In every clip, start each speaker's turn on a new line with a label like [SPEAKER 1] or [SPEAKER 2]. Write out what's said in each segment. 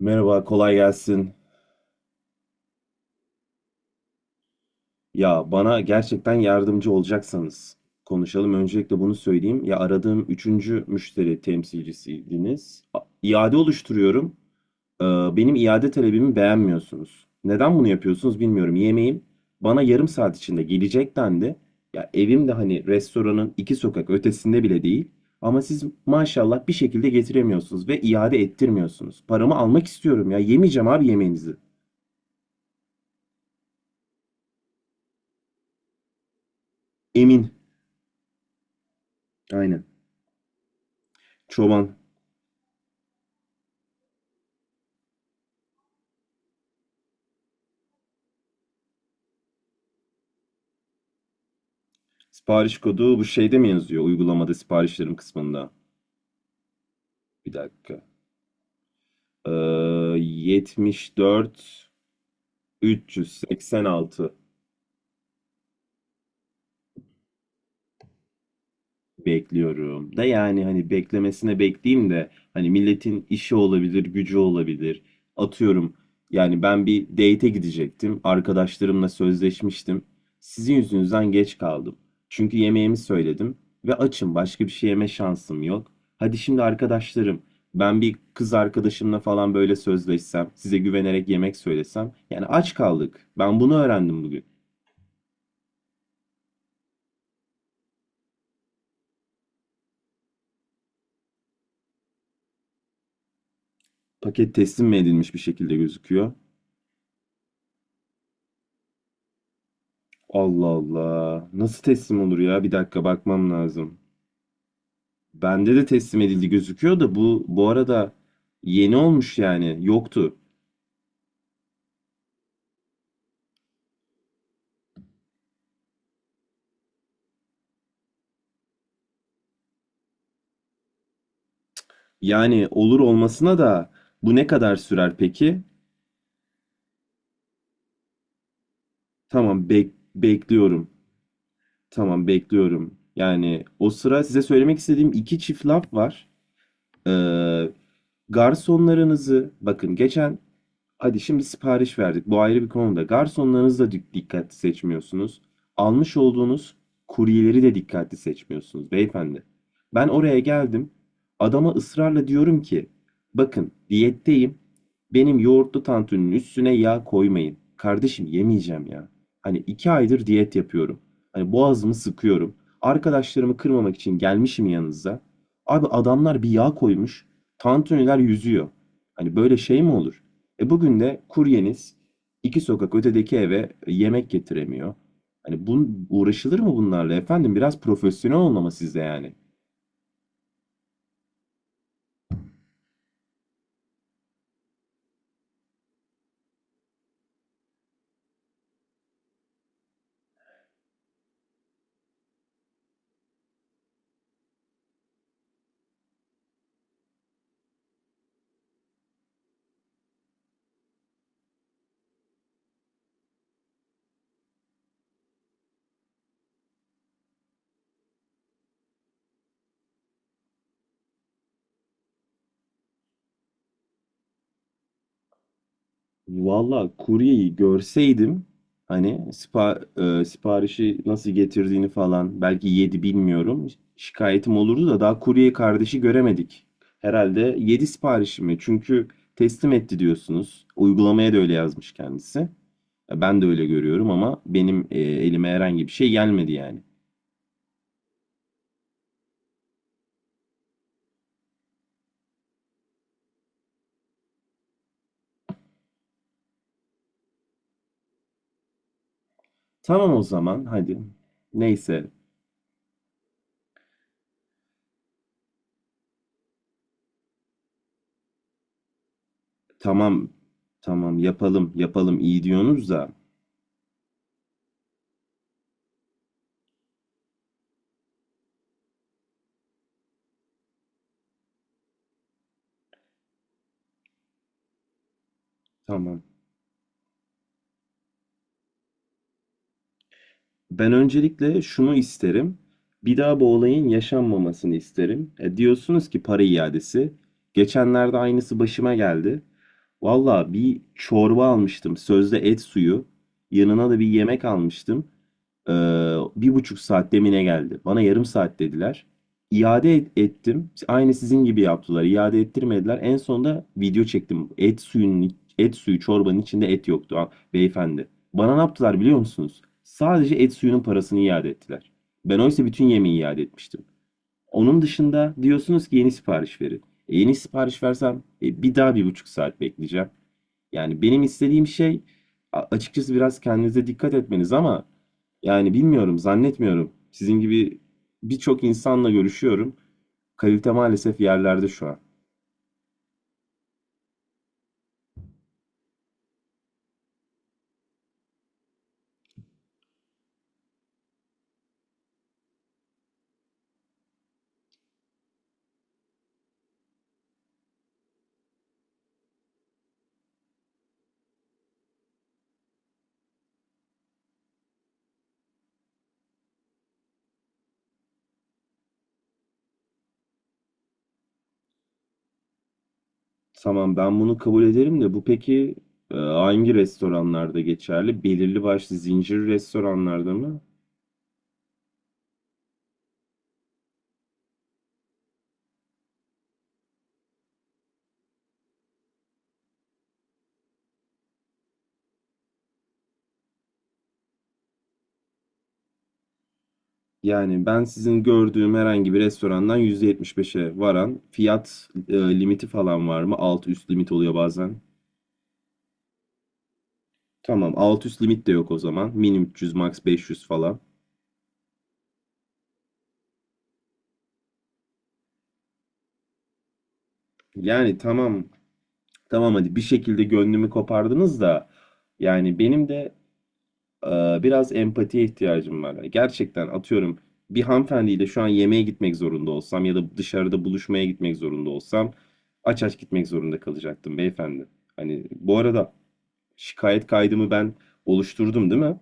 [SPEAKER 1] Merhaba, kolay gelsin. Ya bana gerçekten yardımcı olacaksanız konuşalım. Öncelikle bunu söyleyeyim. Ya aradığım üçüncü müşteri temsilcisiydiniz. İade oluşturuyorum. Ee, benim iade talebimi beğenmiyorsunuz. Neden bunu yapıyorsunuz bilmiyorum. Yemeğim bana yarım saat içinde gelecek dendi. Ya evim de hani restoranın iki sokak ötesinde bile değil. Ama siz maşallah bir şekilde getiremiyorsunuz ve iade ettirmiyorsunuz. Paramı almak istiyorum ya. Yemeyeceğim abi yemeğinizi. Emin. Aynen. Çoban. Sipariş kodu bu şeyde mi yazıyor? Uygulamada siparişlerim kısmında. Bir dakika. Ee, 74 386. Bekliyorum da yani hani beklemesine bekleyeyim de hani milletin işi olabilir, gücü olabilir. Atıyorum yani ben bir date'e gidecektim. Arkadaşlarımla sözleşmiştim. Sizin yüzünüzden geç kaldım. Çünkü yemeğimi söyledim ve açım. Başka bir şey yeme şansım yok. Hadi şimdi arkadaşlarım, ben bir kız arkadaşımla falan böyle sözleşsem, size güvenerek yemek söylesem. Yani aç kaldık. Ben bunu öğrendim bugün. Paket teslim mi edilmiş bir şekilde gözüküyor? Allah Allah. Nasıl teslim olur ya? Bir dakika bakmam lazım. Bende de teslim edildi gözüküyor da bu arada yeni olmuş yani. Yoktu. Yani olur olmasına da bu ne kadar sürer peki? Tamam bekliyorum. Tamam bekliyorum. Yani o sıra size söylemek istediğim iki çift laf var. Ee, garsonlarınızı bakın geçen. Hadi şimdi sipariş verdik. Bu ayrı bir konuda. Garsonlarınızı da dikkatli seçmiyorsunuz. Almış olduğunuz kuryeleri de dikkatli seçmiyorsunuz beyefendi. Ben oraya geldim. Adama ısrarla diyorum ki, bakın diyetteyim. Benim yoğurtlu tantuninin üstüne yağ koymayın. Kardeşim yemeyeceğim ya. Hani 2 aydır diyet yapıyorum. Hani boğazımı sıkıyorum. Arkadaşlarımı kırmamak için gelmişim yanınıza. Abi adamlar bir yağ koymuş. Tantuniler yüzüyor. Hani böyle şey mi olur? E bugün de kuryeniz iki sokak ötedeki eve yemek getiremiyor. Hani bun uğraşılır mı bunlarla efendim? Biraz profesyonel olmama sizde yani. Valla kuryeyi görseydim hani siparişi nasıl getirdiğini falan belki yedi bilmiyorum. Şikayetim olurdu da daha kurye kardeşi göremedik. Herhalde yedi siparişi mi? Çünkü teslim etti diyorsunuz. Uygulamaya da öyle yazmış kendisi. Ben de öyle görüyorum ama benim elime herhangi bir şey gelmedi yani. Tamam o zaman hadi. Neyse, tamam tamam, yapalım yapalım, iyi diyorsunuz da tamam. Ben öncelikle şunu isterim. Bir daha bu olayın yaşanmamasını isterim. Diyorsunuz ki para iadesi. Geçenlerde aynısı başıma geldi. Valla bir çorba almıştım. Sözde et suyu. Yanına da bir yemek almıştım. Ee, 1,5 saat demine geldi. Bana yarım saat dediler. İade ettim. Aynı sizin gibi yaptılar. İade ettirmediler. En sonunda video çektim. Et suyunun, et suyu çorbanın içinde et yoktu ha, beyefendi. Bana ne yaptılar biliyor musunuz? Sadece et suyunun parasını iade ettiler. Ben oysa bütün yemeği iade etmiştim. Onun dışında diyorsunuz ki yeni sipariş verin. Yeni sipariş versem bir daha 1,5 saat bekleyeceğim. Yani benim istediğim şey açıkçası biraz kendinize dikkat etmeniz, ama yani bilmiyorum, zannetmiyorum. Sizin gibi birçok insanla görüşüyorum. Kalite maalesef yerlerde şu an. Tamam ben bunu kabul ederim de bu peki hangi restoranlarda geçerli? Belirli başlı zincir restoranlarda mı? Yani ben sizin gördüğüm herhangi bir restorandan %75'e varan fiyat limiti falan var mı? Alt üst limit oluyor bazen. Tamam, alt üst limit de yok o zaman. Min 300 max 500 falan. Yani tamam tamam, hadi bir şekilde gönlümü kopardınız da yani benim de biraz empatiye ihtiyacım var. Hani gerçekten atıyorum, bir hanımefendiyle şu an yemeğe gitmek zorunda olsam ya da dışarıda buluşmaya gitmek zorunda olsam aç aç gitmek zorunda kalacaktım beyefendi. Hani bu arada şikayet kaydımı ben oluşturdum değil mi?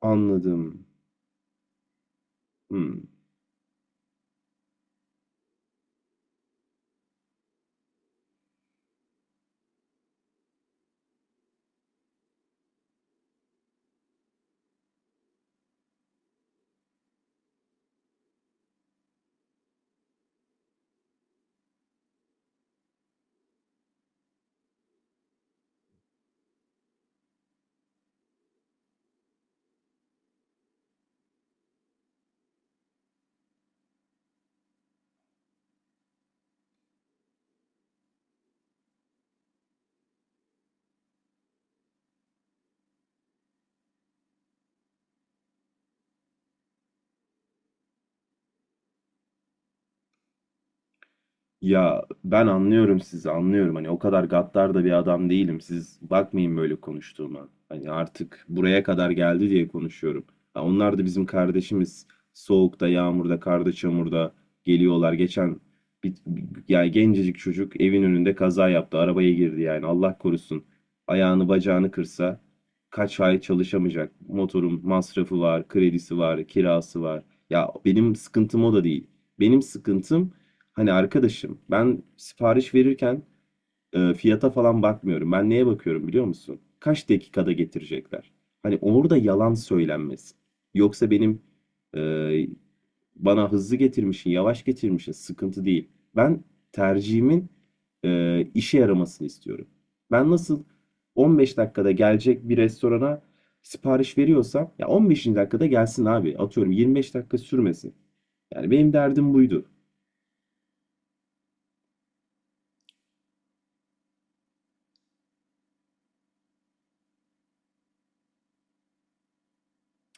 [SPEAKER 1] Anladım. Hmm. Ya ben anlıyorum, sizi anlıyorum. Hani o kadar gaddar da bir adam değilim, siz bakmayın böyle konuştuğuma. Hani artık buraya kadar geldi diye konuşuyorum. Ha, onlar da bizim kardeşimiz. Soğukta, yağmurda, karda, çamurda geliyorlar. Geçen bir, yani gencecik çocuk evin önünde kaza yaptı, arabaya girdi. Yani Allah korusun, ayağını bacağını kırsa kaç ay çalışamayacak. Motorun masrafı var, kredisi var, kirası var. Ya benim sıkıntım o da değil. Benim sıkıntım, hani arkadaşım, ben sipariş verirken fiyata falan bakmıyorum. Ben neye bakıyorum biliyor musun? Kaç dakikada getirecekler? Hani orada yalan söylenmesin. Yoksa benim e, bana hızlı getirmişsin, yavaş getirmişsin, sıkıntı değil. Ben tercihimin işe yaramasını istiyorum. Ben nasıl 15 dakikada gelecek bir restorana sipariş veriyorsam, ya 15. dakikada gelsin abi. Atıyorum 25 dakika sürmesin. Yani benim derdim buydu.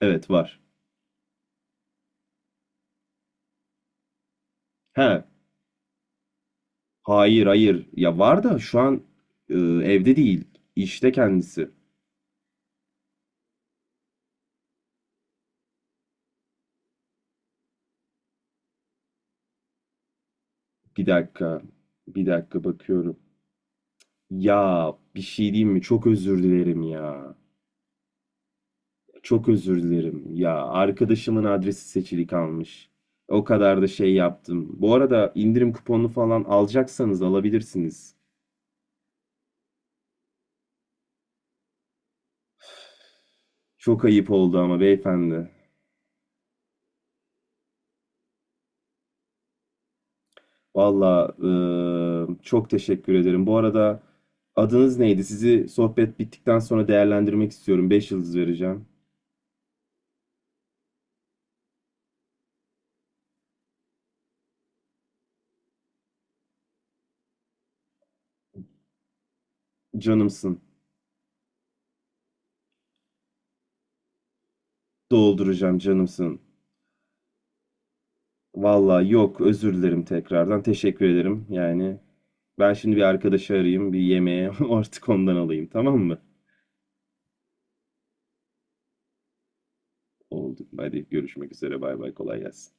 [SPEAKER 1] Evet var. He. Hayır hayır, ya var da şu an evde değil işte kendisi. Bir dakika, bir dakika bakıyorum. Ya bir şey diyeyim mi, çok özür dilerim ya. Çok özür dilerim ya, arkadaşımın adresi seçili kalmış. O kadar da şey yaptım. Bu arada indirim kuponu falan alacaksanız alabilirsiniz. Çok ayıp oldu ama beyefendi. Valla çok teşekkür ederim. Bu arada adınız neydi? Sizi sohbet bittikten sonra değerlendirmek istiyorum. 5 yıldız vereceğim. Canımsın. Dolduracağım, canımsın. Valla yok, özür dilerim tekrardan. Teşekkür ederim. Yani ben şimdi bir arkadaşı arayayım. Bir yemeğe artık ondan alayım, tamam mı? Oldu. Hadi görüşmek üzere. Bay bay, kolay gelsin.